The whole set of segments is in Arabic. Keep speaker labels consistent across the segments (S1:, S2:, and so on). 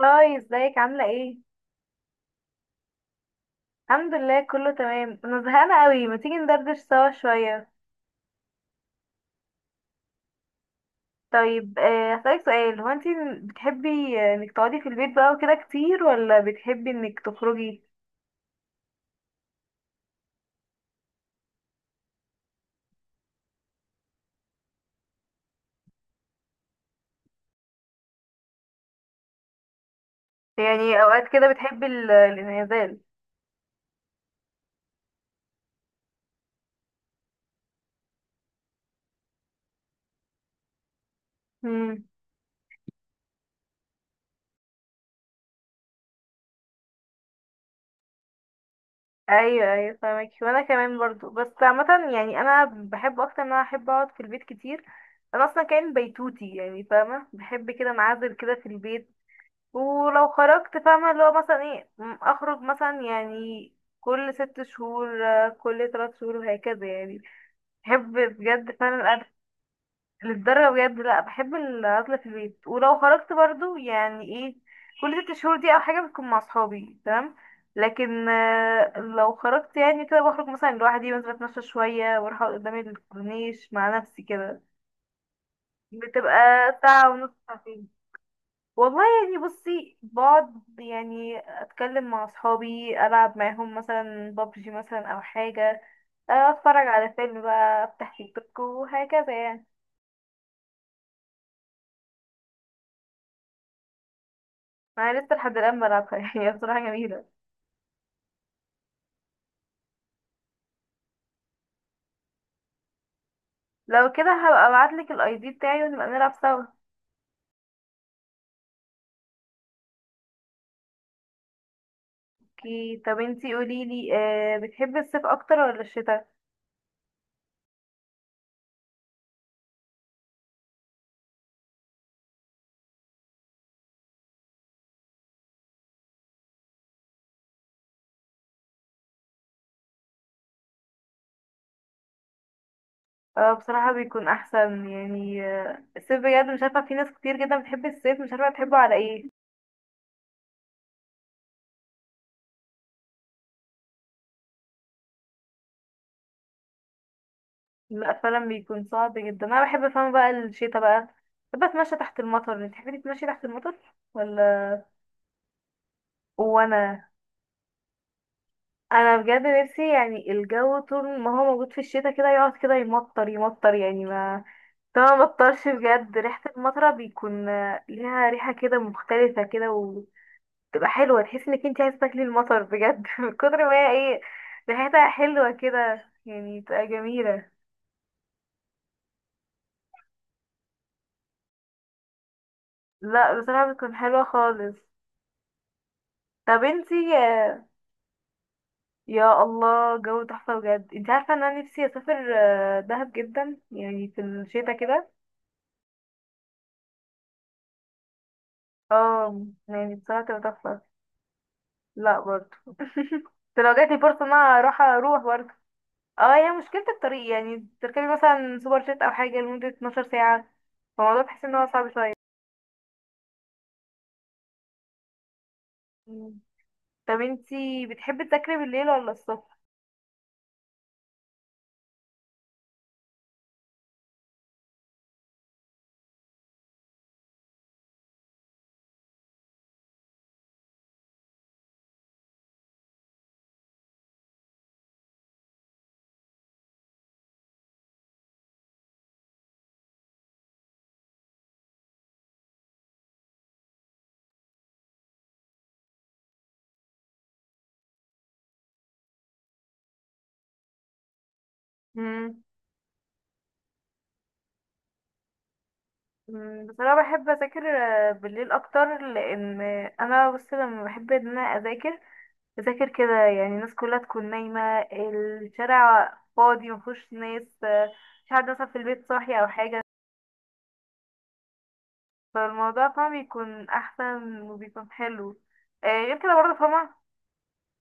S1: هاي، ازيك عاملة ايه؟ الحمد لله كله تمام، انا زهقانة قوي. ما تيجي ندردش سوا شوية؟ طيب، هسألك سؤال. هو انتي بتحبي انك تقعدي في البيت بقى وكده كتير ولا بتحبي انك تخرجي؟ يعني اوقات كده بتحبي الانعزال. امم. ايوه، ايوه، فاهمك. وانا كمان برضو، بس عامة يعني انا بحب اكتر ان انا احب اقعد في البيت كتير. انا اصلا كائن بيتوتي يعني، فاهمة، بحب كده انعزل كده في البيت. ولو خرجت، فاهمة، اللي هو مثلا ايه، اخرج مثلا يعني كل ست شهور، كل 3 شهور وهكذا يعني. بحب بجد فعلا الأكل. للدرجة بجد، لا، بحب الأكل في البيت. ولو خرجت برضو يعني ايه، كل 6 شهور دي أو حاجة بتكون مع صحابي، تمام. لكن لو خرجت يعني كده بخرج مثلا لوحدي، بنزل اتمشى شوية واروح أقعد قدام الكورنيش مع نفسي كده. بتبقى ساعة ونص، ساعتين. والله يعني بصي، بقعد يعني اتكلم مع اصحابي، العب معاهم مثلا ببجي مثلا او حاجه. اتفرج على فيلم بقى، افتح تيك توك وهكذا يعني. انا لسه لحد الان بلعبها يعني هي بصراحه جميله. لو كده هبقى ابعتلك الاي دي بتاعي ونبقى نلعب سوا. اوكي. طب انتي قوليلي، آه بتحبي الصيف اكتر ولا الشتاء؟ بصراحه بيكون احسن يعني. الصيف بجد مش عارفه، في ناس كتير جدا بتحب الصيف، مش عارفه تحبه على ايه. لا، فعلا بيكون صعب جدا. انا بحب، فاهمة، بقى الشتا بقى. بحب اتمشى تحت المطر. انت تحبي تتمشي تحت المطر، ولا؟ وانا بجد نفسي يعني الجو طول ما هو موجود في الشتا كده يقعد كده يمطر يمطر يعني ما. طبعا ما مطرش بجد، ريحة المطرة بيكون ليها ريحة كده مختلفة كده، وتبقى حلوة، تحس انك انت عايزة تاكلي المطر بجد من كتر ما هي ايه، ريحتها حلوة كده يعني، تبقى جميلة. لا بصراحة بتكون حلوة خالص. طب انتي، يا الله، جو تحفة بجد. انت عارفة ان انا نفسي اسافر دهب، جدا يعني في الشتا كده. اه، يعني بصراحة تبقى تحفة. لا برضه. بس لو جاتلي فرصة ان انا اروح، اروح برضه. اه، هي مشكلة الطريق، يعني تركبي مثلا سوبر جيت او حاجة لمدة 12 ساعة. فالموضوع بحس ان هو صعب شوية. مم. طب انتي بتحبي تذاكري بالليل ولا الصبح؟ مم. بصراحة بحب اذاكر بالليل اكتر، لان انا بصي لما بحب ان انا اذاكر، اذاكر كده يعني الناس كلها تكون نايمة. الشارع فاضي مفهوش ناس، مش حد مثلا في البيت صاحي او حاجة. فالموضوع طبعا بيكون احسن وبيكون حلو. غير كده برضه، فاهمة.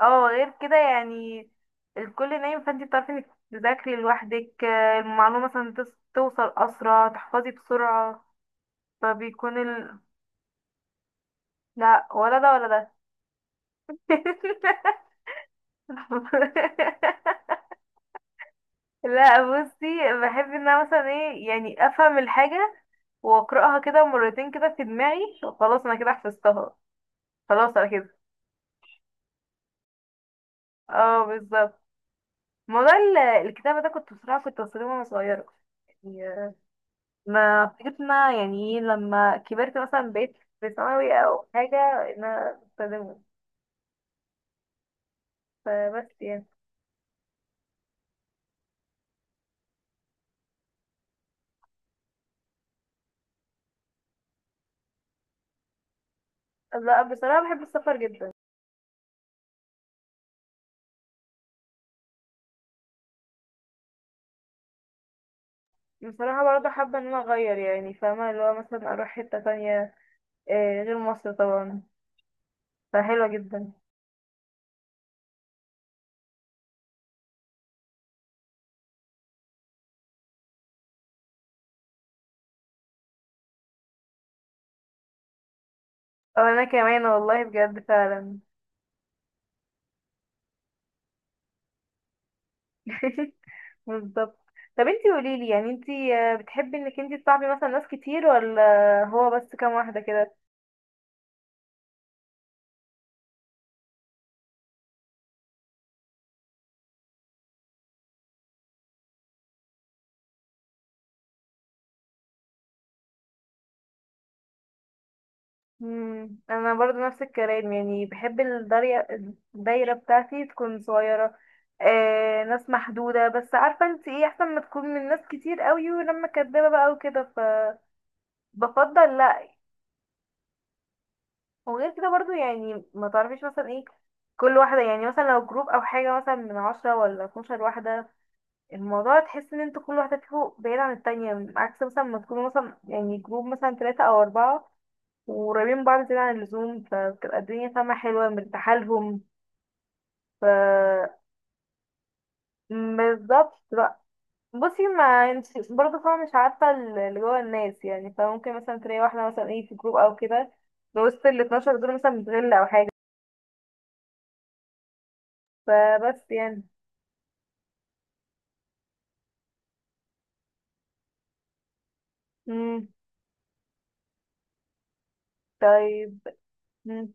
S1: اه، غير كده يعني الكل نايم، فانتي بتعرفي انك تذاكري لوحدك، المعلومة مثلا توصل اسرع، تحفظي بسرعة. فبيكون لا، ولا ده ولا ده. لا بصي، بحب ان انا مثلا ايه يعني افهم الحاجه، واقراها كده مرتين كده في دماغي، خلاص انا كده حفظتها. خلاص على كده. اه بالظبط. موضوع الكتابة ده، كنت بصراحة كنت بستخدمه وانا صغيرة. يعني ما افتكرت ان أنا يعني إيه، لما كبرت مثلا بقيت في ثانوي او حاجة، ان انا بستخدمه. فبس يعني. لا بصراحة بحب السفر جدا. بصراحة برضه حابة ان انا اغير يعني، فاهمة، اللي هو مثلا اروح حتة تانية، غير مصر طبعا، فحلوة جدا. او انا كمان، والله بجد فعلا. بالظبط. طب انتي قوليلي يعني، انتي بتحبي انك انتي تصاحبي مثلا ناس كتير، ولا هو بس كام واحدة كده؟ مم. انا برضو نفس الكلام، يعني بحب الدايرة. الدايرة بتاعتي تكون صغيرة، ناس محدودة. بس عارفة انتي ايه، احسن ما تكون من ناس كتير قوي ولما كدابة بقى وكده. فبفضل لا. وغير كده برضو يعني، ما تعرفيش مثلا ايه، كل واحدة يعني، مثلا لو جروب او حاجة مثلا من 10 ولا 12 واحدة، الموضوع تحس ان انتوا كل واحدة فيكم بعيدة عن التانية، عكس مثلا ما تكونوا مثلا يعني جروب مثلا 3 أو 4 وقريبين من بعض زيادة عن اللزوم، فبتبقى الدنيا، فاهمة، حلوة مرتاحة لهم. ف بالظبط بقى. بصي، ما انت برضه فاهمة، مش عارفة اللي جوه الناس يعني، فممكن مثلا تلاقي واحدة مثلا ايه في جروب أو كده، في وسط ال 12 دول مثلا بتغل أو حاجة. فبس يعني. مم. طيب. مم.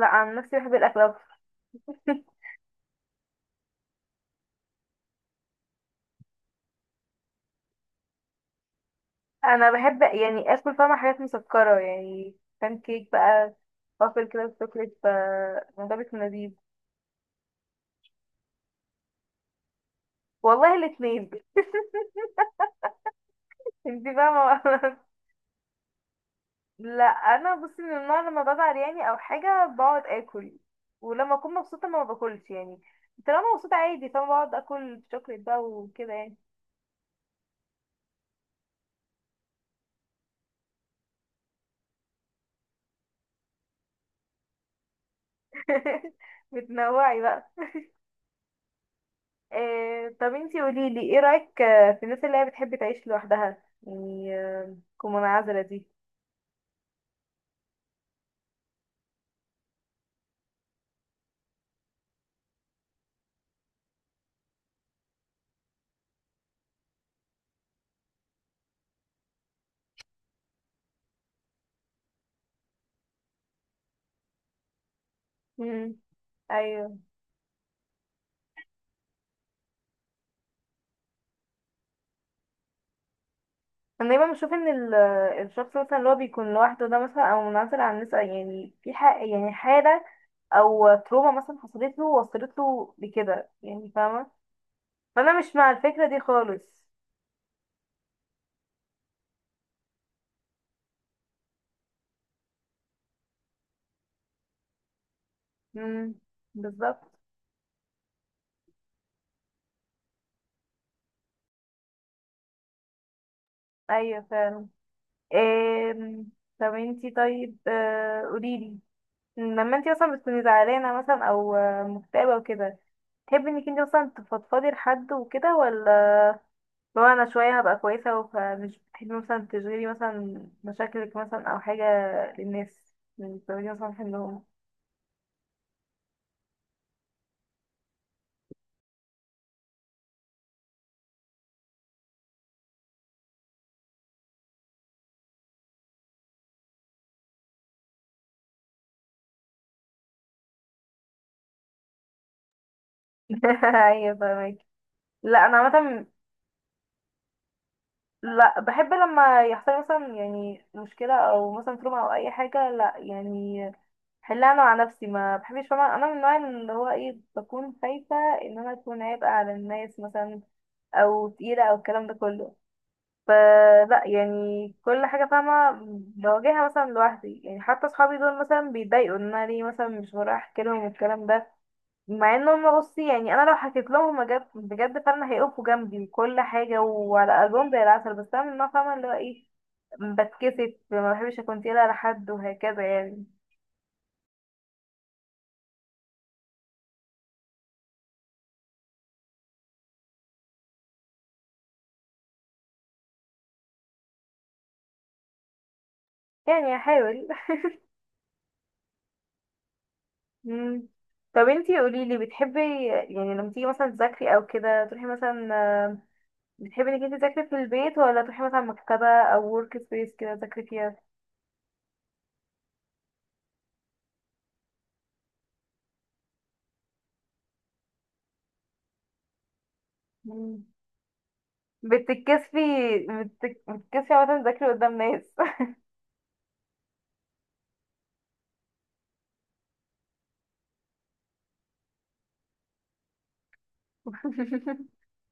S1: لا، عن نفسي بحب الأكل أكتر. انا بحب يعني اكل، فاهمة، حاجات مسكرة يعني، بان كيك بقى، وافل كده بالشوكليت، ف الموضوع بيكون لذيذ. والله، الاتنين. انتي فاهمة بقى. لا، انا بصي من النوع لما بزعل يعني او حاجة بقعد اكل، ولما اكون مبسوطة ما باكلش يعني. طالما مبسوطة عادي، فاهمة، بقعد اكل شوكليت بقى وكده يعني. بتنوعي بقى. إيه، طب انتي قوليلي، ايه رأيك في الناس اللي هي بتحب تعيش لوحدها يعني، تكون منعزلة دي؟ مم. ايوه. انا دايما بشوف ان الشخص مثلا اللي هو بيكون لوحده ده مثلا او منعزل عن الناس، يعني في حق يعني حاله، او تروما مثلا حصلت له وصلت له لكده، يعني فاهمه. فانا مش مع الفكره دي خالص. امم. بالظبط. ايوه فعلا. إيه. طب انتي، طيب، قوليلي لما انتي مثلا بتكوني زعلانه مثلا او مكتئبه وكده، تحبي انك انتي مثلا تفضفضي لحد وكده، ولا لو انا شويه هبقى كويسه، فمش بتحبي مثلا تشغلي مثلا مشاكلك مثلا او حاجه للناس، من بتعملي مثلا حلهم؟ ايوه، فاهمك. لا انا عامه، لا بحب لما يحصل مثلا يعني مشكله او مثلا تروما او اي حاجه، لا يعني، حلها انا مع نفسي، ما بحبش، فاهمة، انا من النوع اللي هو ايه، بكون خايفه ان انا اكون عبء على الناس مثلا، او تقيله او الكلام ده كله. فلا يعني، كل حاجة، فاهمة، بواجهها مثلا لوحدي يعني. حتى صحابي دول مثلا بيتضايقوا ان انا ليه مثلا مش بروح احكي لهم الكلام ده، مع ان هم، بصي يعني، انا لو حكيت لهم بجد بجد فعلا هيقفوا جنبي وكل حاجة وعلى قلبهم زي العسل. بس انا من النوع، فاهمة، اللي هو ايه، بتكسف، ما بحبش اكون تقيلة على حد وهكذا يعني. يعني هحاول. مم. طب انتي قوليلي، بتحبي يعني لما تيجي مثلا تذاكري او كده تروحي مثلا، بتحبي انك انت تذاكري في البيت، ولا تروحي مثلا مكتبة او ورك سبيس كده تذاكري فيها؟ مم. بتتكسفي؟ بتتكسفي عامة تذاكري قدام ناس؟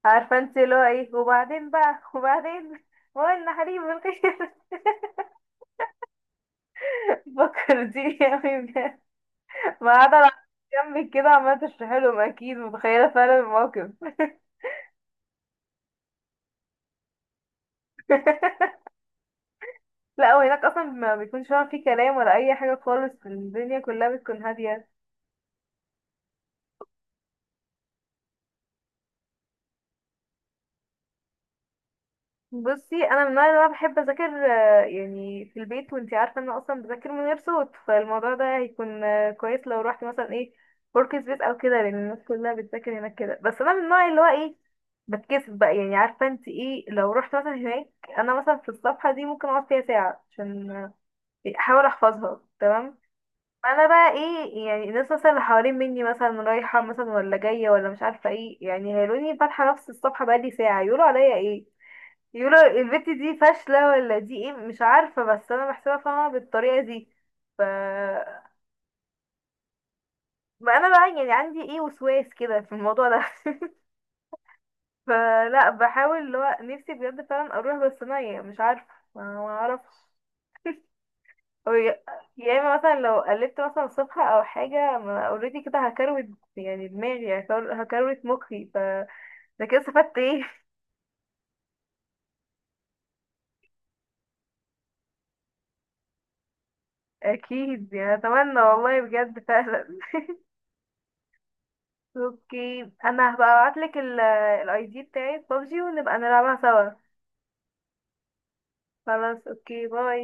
S1: عارفة انت اللي هو ايه، وبعدين بقى وبعدين هو ان حليم الخير. فكرتيني اوي بجد. ما قاعدة على جنبي كده عمالة تشرحي لهم، اكيد متخيلة فعلا الموقف. لا، وهناك اصلا ما بيكونش فعلا في كلام ولا اي حاجة خالص، الدنيا كلها بتكون هادية. بصي انا من النوع اللي هو بحب اذاكر يعني في البيت. وانتي عارفه ان انا اصلا بذاكر من غير صوت، فالموضوع ده هيكون كويس لو رحت مثلا ايه ورك سبيس او كده، لان الناس كلها بتذاكر هناك كده. بس انا من النوع اللي هو ايه، بتكسف بقى يعني. عارفه انتي ايه، لو رحت مثلا هناك انا مثلا في الصفحه دي ممكن اقعد فيها ساعه عشان احاول احفظها، تمام. انا بقى ايه يعني، الناس مثلا اللي حوالين مني مثلا رايحه مثلا ولا جايه ولا مش عارفه ايه، يعني هيقولوني فاتحه نفس الصفحه بقالي ساعه، يقولوا عليا ايه، يقولوا البت دي فاشلة ولا دي ايه، مش عارفة، بس انا بحسبها، فاهمة، بالطريقة دي. ف ما انا بقى يعني عندي ايه، وسواس كده في الموضوع ده. فلا، بحاول اللي هو نفسي بجد فعلا اروح، بس انا يعني مش عارفة، ما اعرفش. أو يا اما مثلا لو قلبت مثلا صفحة او حاجة، ما اوريدي كده هكروت، يعني دماغي هكروت مخي، ف ده كده استفدت ايه؟ اكيد يعني، اتمنى والله بجد فعلا. اوكي، انا هبقى ابعتلك الاي دي بتاعي بابجي، ونبقى نلعبها سوا. خلاص، اوكي، باي.